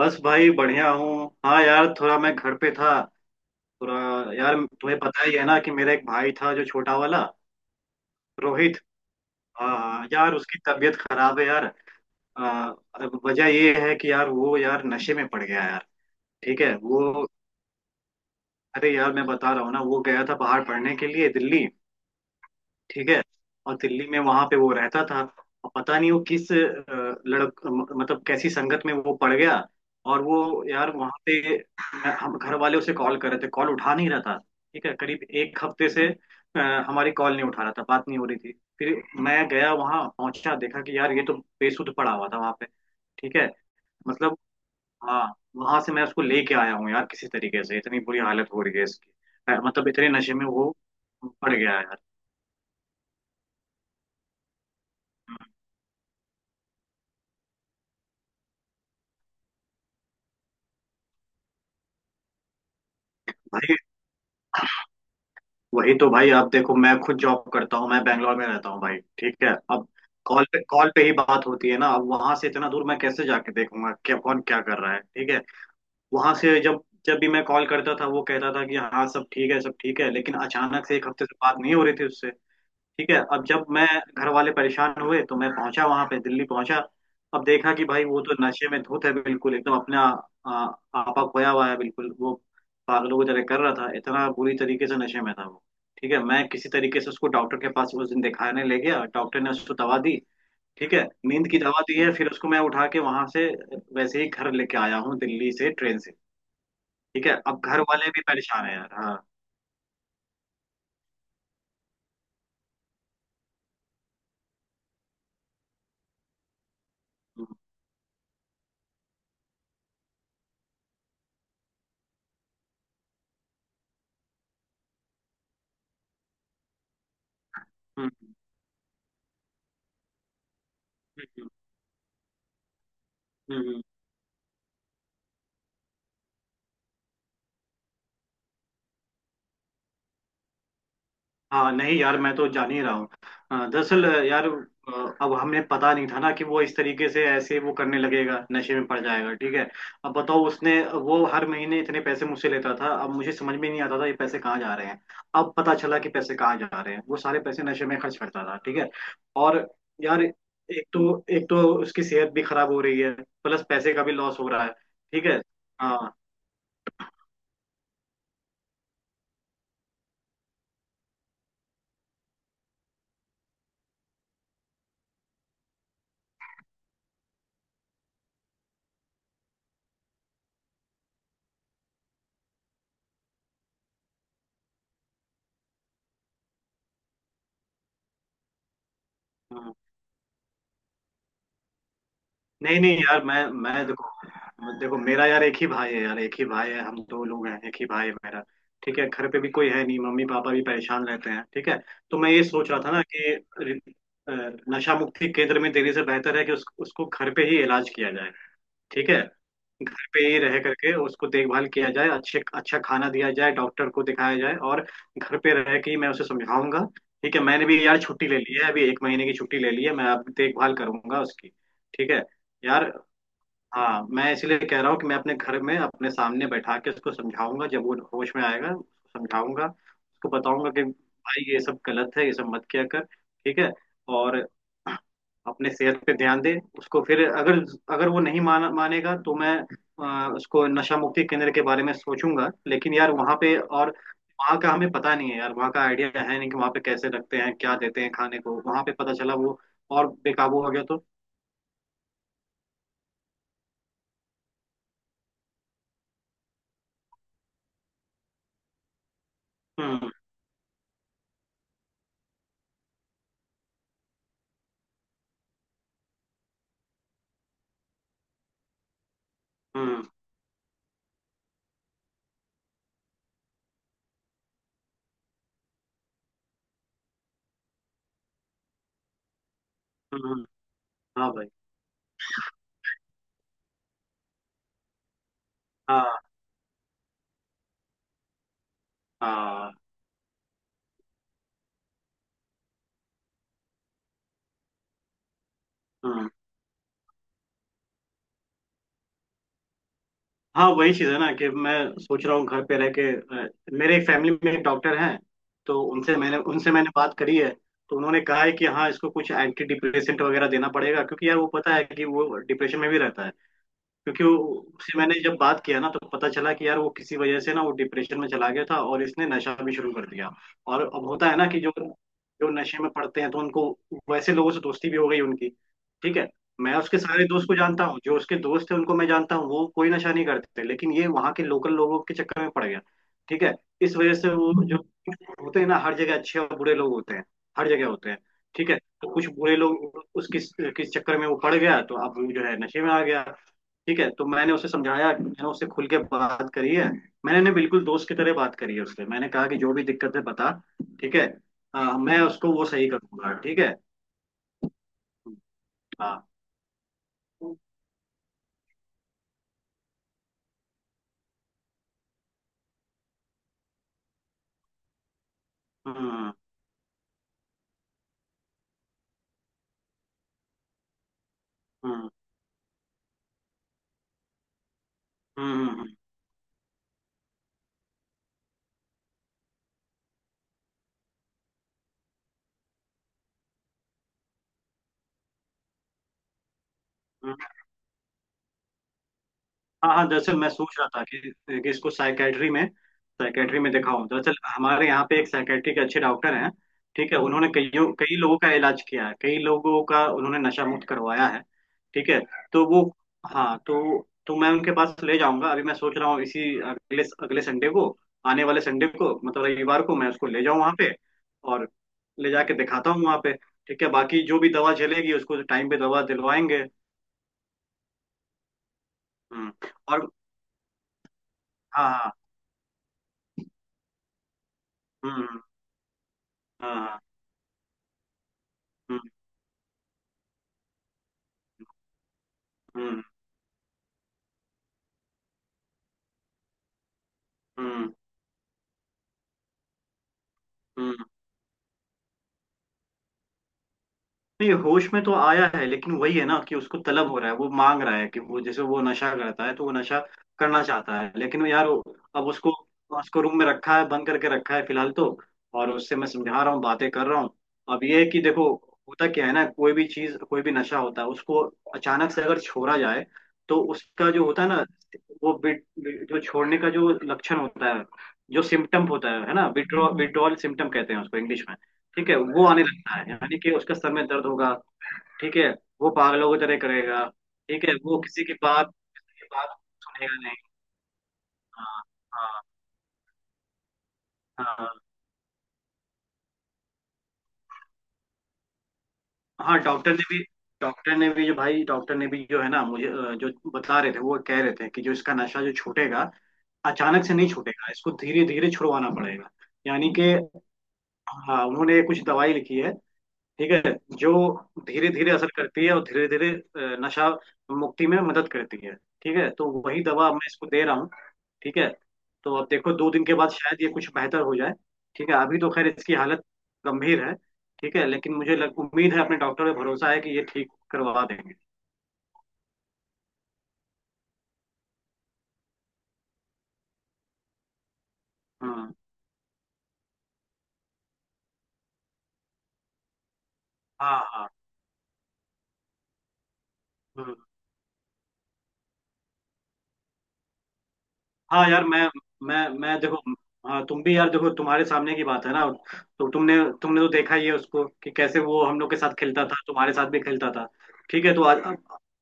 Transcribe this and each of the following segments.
बस भाई बढ़िया हूँ। हाँ यार, थोड़ा मैं घर पे था। थोड़ा यार, तुम्हें पता ही है ना कि मेरा एक भाई था, जो छोटा वाला, रोहित। यार, उसकी तबीयत खराब है यार। आ, अब वजह ये है कि यार वो यार नशे में पड़ गया यार। ठीक है। वो अरे यार, मैं बता रहा हूँ ना, वो गया था बाहर पढ़ने के लिए दिल्ली। ठीक है। और दिल्ली में वहां पे वो रहता था। और पता नहीं वो किस मतलब कैसी संगत में वो पड़ गया। और वो यार वहां पे हम घर वाले उसे कॉल कर रहे थे, कॉल उठा नहीं रहा था। ठीक है, करीब एक हफ्ते से अ, हमारी कॉल नहीं उठा रहा था, बात नहीं हो रही थी। फिर मैं गया वहां, पहुंचा, देखा कि यार ये तो बेसुध पड़ा हुआ था वहां पे। ठीक है। मतलब, हाँ। वहां से मैं उसको लेके आया हूँ यार, किसी तरीके से, इतनी बुरी हालत हो रही है इसकी। मतलब इतने नशे में वो पड़ गया है यार। भाई, वही तो भाई, आप देखो, मैं खुद जॉब करता हूँ, मैं बैंगलोर में रहता हूँ भाई। ठीक है। अब कॉल पे ही बात होती है ना। अब वहां से इतना दूर मैं कैसे जाके देखूंगा क्या कौन क्या कर रहा है। ठीक है। वहां से जब जब भी मैं कॉल करता था, वो कहता था कि हाँ सब ठीक है, सब ठीक है, लेकिन अचानक से एक हफ्ते से बात नहीं हो रही थी उससे। ठीक है। अब जब मैं घर वाले परेशान हुए तो मैं पहुंचा वहां पे, दिल्ली पहुंचा। अब देखा कि भाई वो तो नशे में धुत है, बिल्कुल एकदम अपना आ, आपा खोया हुआ है बिल्कुल। वो पागलों की तरह कर रहा था, इतना बुरी तरीके से नशे में था वो। ठीक है, मैं किसी तरीके से उसको डॉक्टर के पास उस दिन दिखाने ले गया, डॉक्टर ने उसको दवा दी। ठीक है, नींद की दवा दी है, फिर उसको मैं उठा के वहां से वैसे ही घर लेके आया हूँ दिल्ली से, ट्रेन से। ठीक है, अब घर वाले भी परेशान है यार। हाँ। हम्म। हम्म। हम्म। हम्म, हम्म। हाँ, नहीं यार, मैं तो जान ही रहा हूँ। दरअसल यार अब हमें पता नहीं था ना कि वो इस तरीके से ऐसे वो करने लगेगा, नशे में पड़ जाएगा। ठीक है। अब बताओ, उसने वो हर महीने इतने पैसे मुझसे लेता था, अब मुझे समझ में नहीं आता था ये पैसे कहाँ जा रहे हैं। अब पता चला कि पैसे कहाँ जा रहे हैं, वो सारे पैसे नशे में खर्च करता था। ठीक है। और यार एक तो उसकी सेहत भी खराब हो रही है, प्लस पैसे का भी लॉस हो रहा है। ठीक है। हाँ। हाँ। नहीं नहीं यार, मैं, देखो, मेरा यार एक ही भाई है यार, एक ही भाई है, हम दो लोग हैं, एक ही भाई है मेरा। ठीक है, घर पे भी कोई है नहीं, मम्मी पापा भी परेशान रहते हैं। ठीक है, तो मैं ये सोच रहा था ना कि रि- अ, नशा मुक्ति केंद्र में देने से बेहतर है कि उसको घर पे ही इलाज किया जाए। ठीक है, घर पे ही रह करके उसको देखभाल किया जाए, अच्छे अच्छा खाना दिया जाए, डॉक्टर को दिखाया जाए, और घर पे रह के ही मैं उसे समझाऊंगा। ठीक है, मैंने भी यार छुट्टी ले ली है, अभी एक महीने की छुट्टी ले ली है, मैं अब देखभाल करूंगा उसकी। ठीक है यार। हाँ, मैं इसलिए कह रहा हूँ कि मैं अपने घर में अपने सामने बैठा के उसको समझाऊंगा, जब वो होश में आएगा उसको समझाऊंगा, उसको बताऊंगा कि भाई ये सब गलत है, ये सब मत किया कर। ठीक है, और अपने सेहत पे ध्यान दे उसको। फिर अगर अगर वो नहीं मानेगा तो मैं उसको नशा मुक्ति केंद्र के बारे में सोचूंगा, लेकिन यार वहाँ पे और वहाँ का हमें पता नहीं है यार, वहाँ का आइडिया है नहीं कि वहाँ पे कैसे रखते हैं, क्या देते हैं खाने को, वहाँ पे पता चला वो और बेकाबू हो गया तो। हम्म। हम्म। हम्म। हाँ भाई। हाँ हाँ। हाँ। हाँ, वही चीज़ है ना कि मैं सोच रहा हूँ घर पे रह के, अ, मेरे एक फैमिली में एक डॉक्टर हैं, तो उनसे मैंने बात करी है। तो उन्होंने कहा है कि हाँ, इसको कुछ एंटी डिप्रेसेंट वगैरह देना पड़ेगा, क्योंकि यार वो पता है कि वो डिप्रेशन में भी रहता है। क्योंकि वो, उससे मैंने जब बात किया ना, तो पता चला कि यार वो किसी वजह से ना वो डिप्रेशन में चला गया था, और इसने नशा भी शुरू कर दिया। और अब होता है ना कि जो जो नशे में पड़ते हैं, तो उनको वैसे लोगों से दोस्ती भी हो गई उनकी। ठीक है, मैं उसके सारे दोस्त को जानता हूँ, जो उसके दोस्त थे उनको मैं जानता हूँ, वो कोई नशा नहीं करते, लेकिन ये वहाँ के लोकल लोगों के चक्कर में पड़ गया। ठीक है, इस वजह से वो जो होते हैं ना, हर जगह अच्छे और बुरे लोग होते हैं, हर जगह होते हैं। ठीक है, तो कुछ बुरे लोग उसके किस चक्कर में वो पड़ गया, तो अब वो जो है नशे में आ गया। ठीक है, तो मैंने उसे समझाया, मैंने उससे खुल के बात करी है, मैंने ने बिल्कुल दोस्त की तरह बात करी है उससे, मैंने कहा कि जो भी दिक्कत है बता। ठीक है। हाँ, मैं उसको वो सही कर दूंगा। ठीक है। हाँ। हम्म। हम्म। हम्म। हम्म, हम्म, हम्म। हाँ हाँ, दरअसल मैं सोच रहा था कि इसको साइकेट्री में दिखाऊं। दरअसल हमारे यहाँ पे एक साइकेट्री के अच्छे डॉक्टर हैं। ठीक है, उन्होंने कईयों कई लोगों का इलाज किया है, कई लोगों का उन्होंने नशा मुक्त करवाया है। ठीक है, तो वो, हाँ, तो मैं उनके पास ले जाऊंगा। अभी मैं सोच रहा हूँ इसी अगले अगले संडे को, आने वाले संडे को, मतलब रविवार को मैं उसको ले जाऊँ वहाँ पे, और ले जाके दिखाता हूँ वहाँ पे। ठीक है, बाकी जो भी दवा चलेगी उसको टाइम पे दवा दिलवाएंगे। हम्म। और, हाँ। हाँ। हम्म। हाँ। हाँ। हम्म। हम्म। हम्म। हम्म। नहीं, होश में तो आया है, लेकिन वही है ना कि उसको तलब हो रहा है, वो मांग रहा है कि वो जैसे वो नशा करता है, तो वो नशा करना चाहता है। लेकिन अब उसको उसको रूम में रखा है, बंद करके रखा है फिलहाल तो। और उससे मैं समझा रहा हूँ, बातें कर रहा हूँ। अब ये है कि देखो, होता क्या है ना, कोई भी चीज, कोई भी नशा होता है उसको, अचानक से अगर छोड़ा जाए, तो उसका जो होता है ना, वो बिट जो छोड़ने का जो लक्षण होता है, जो सिम्टम होता है ना, विड्रॉल सिम्टम कहते हैं उसको इंग्लिश में। ठीक है, वो आने लगता है, यानी कि उसका सर में दर्द होगा। ठीक है, वो पागलों की तरह करेगा। ठीक है, वो किसी की बात सुनेगा नहीं। हाँ। हाँ। हाँ। हाँ, डॉक्टर ने भी जो है ना, मुझे जो बता रहे थे, वो कह रहे थे कि जो इसका नशा जो छूटेगा, अचानक से नहीं छूटेगा, इसको धीरे धीरे छुड़वाना पड़ेगा। यानी कि, हाँ, उन्होंने कुछ दवाई लिखी है। ठीक है, जो धीरे धीरे असर करती है और धीरे धीरे नशा मुक्ति में मदद करती है। ठीक है, तो वही दवा मैं इसको दे रहा हूँ। ठीक है, तो अब देखो दो दिन के बाद शायद ये कुछ बेहतर हो जाए। ठीक है, अभी तो खैर इसकी हालत गंभीर है। ठीक है, लेकिन मुझे उम्मीद है, अपने डॉक्टर पे भरोसा है कि ये ठीक करवा देंगे। हम्म। हाँ। हाँ। हम्म। हाँ यार, मैं, मैं देखो, हाँ तुम भी यार देखो, तुम्हारे सामने की बात है ना, तो तुमने तुमने तो देखा ही है उसको, कि कैसे वो हम लोग के साथ खेलता था, तुम्हारे साथ भी खेलता था। ठीक है, तो आज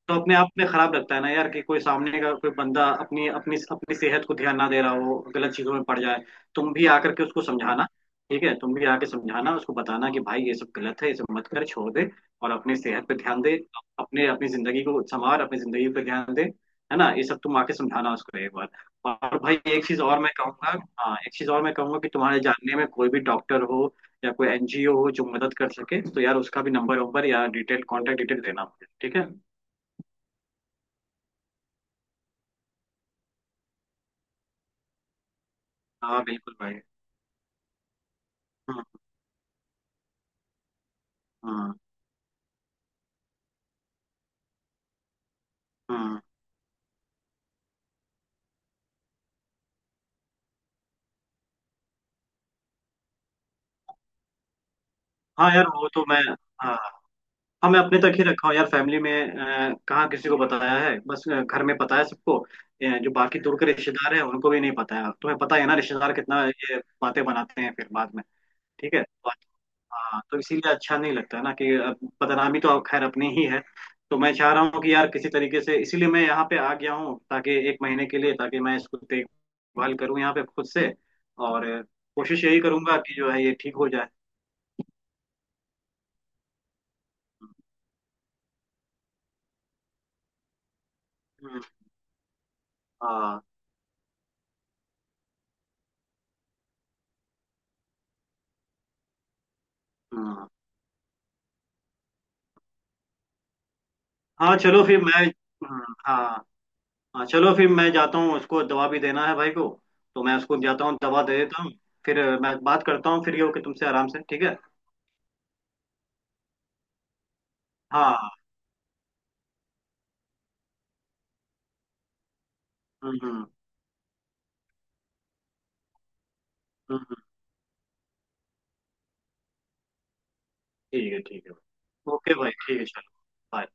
तो अपने आप में खराब लगता है ना यार कि कोई सामने का कोई बंदा अपनी अपनी अपनी सेहत को ध्यान ना दे रहा हो, गलत चीजों में पड़ जाए। तुम भी आकर के उसको समझाना। ठीक है, तुम भी आके समझाना, उसको बताना कि भाई ये सब गलत है, ये सब मत कर, छोड़ दे, और अपनी सेहत पे ध्यान दे, अपने अपनी जिंदगी को संवार, अपनी जिंदगी पे ध्यान दे, है ना, ये सब तुम आके समझाना उसको एक बार। और भाई एक चीज और मैं कहूंगा, हाँ, एक चीज और मैं कहूंगा, कि तुम्हारे जानने में कोई भी डॉक्टर हो या कोई एनजीओ हो जो मदद कर सके, तो यार उसका भी नंबर वंबर या डिटेल, कांटेक्ट डिटेल देना मुझे। ठीक है। हाँ, बिल्कुल भाई। हम्म। हम्म। हम्म। हाँ यार, वो तो मैं हाँ। हाँ, मैं अपने तक ही रखा हूँ यार, फैमिली में, कहाँ किसी को बताया है, बस घर में पता है सबको। जो बाकी दूर के रिश्तेदार हैं उनको भी नहीं पता है, तुम्हें पता है ना रिश्तेदार कितना ये बातें बनाते हैं फिर बाद में। ठीक है। हाँ, तो इसीलिए अच्छा नहीं लगता है ना, कि अब बदनामी तो अब खैर अपनी ही है। तो मैं चाह रहा हूँ कि यार किसी तरीके से, इसीलिए मैं यहाँ पे आ गया हूँ, ताकि एक महीने के लिए, ताकि मैं इसको देखभाल करूँ यहाँ पे खुद से, और कोशिश यही करूंगा कि जो है ये ठीक हो जाए। हम्म, हाँ। हम्म। हाँ चलो, फिर मैं हाँ। हाँ चलो, फिर मैं जाता हूँ, उसको दवा भी देना है भाई को, तो मैं उसको जाता हूँ दवा दे देता हूँ, फिर मैं बात करता हूँ, फिर ये हो कि तुमसे आराम से। ठीक है। हाँ। हम्म। हम्म। हम्म, ठीक है, ठीक है, ओके भाई, ठीक है, चलो, बाय।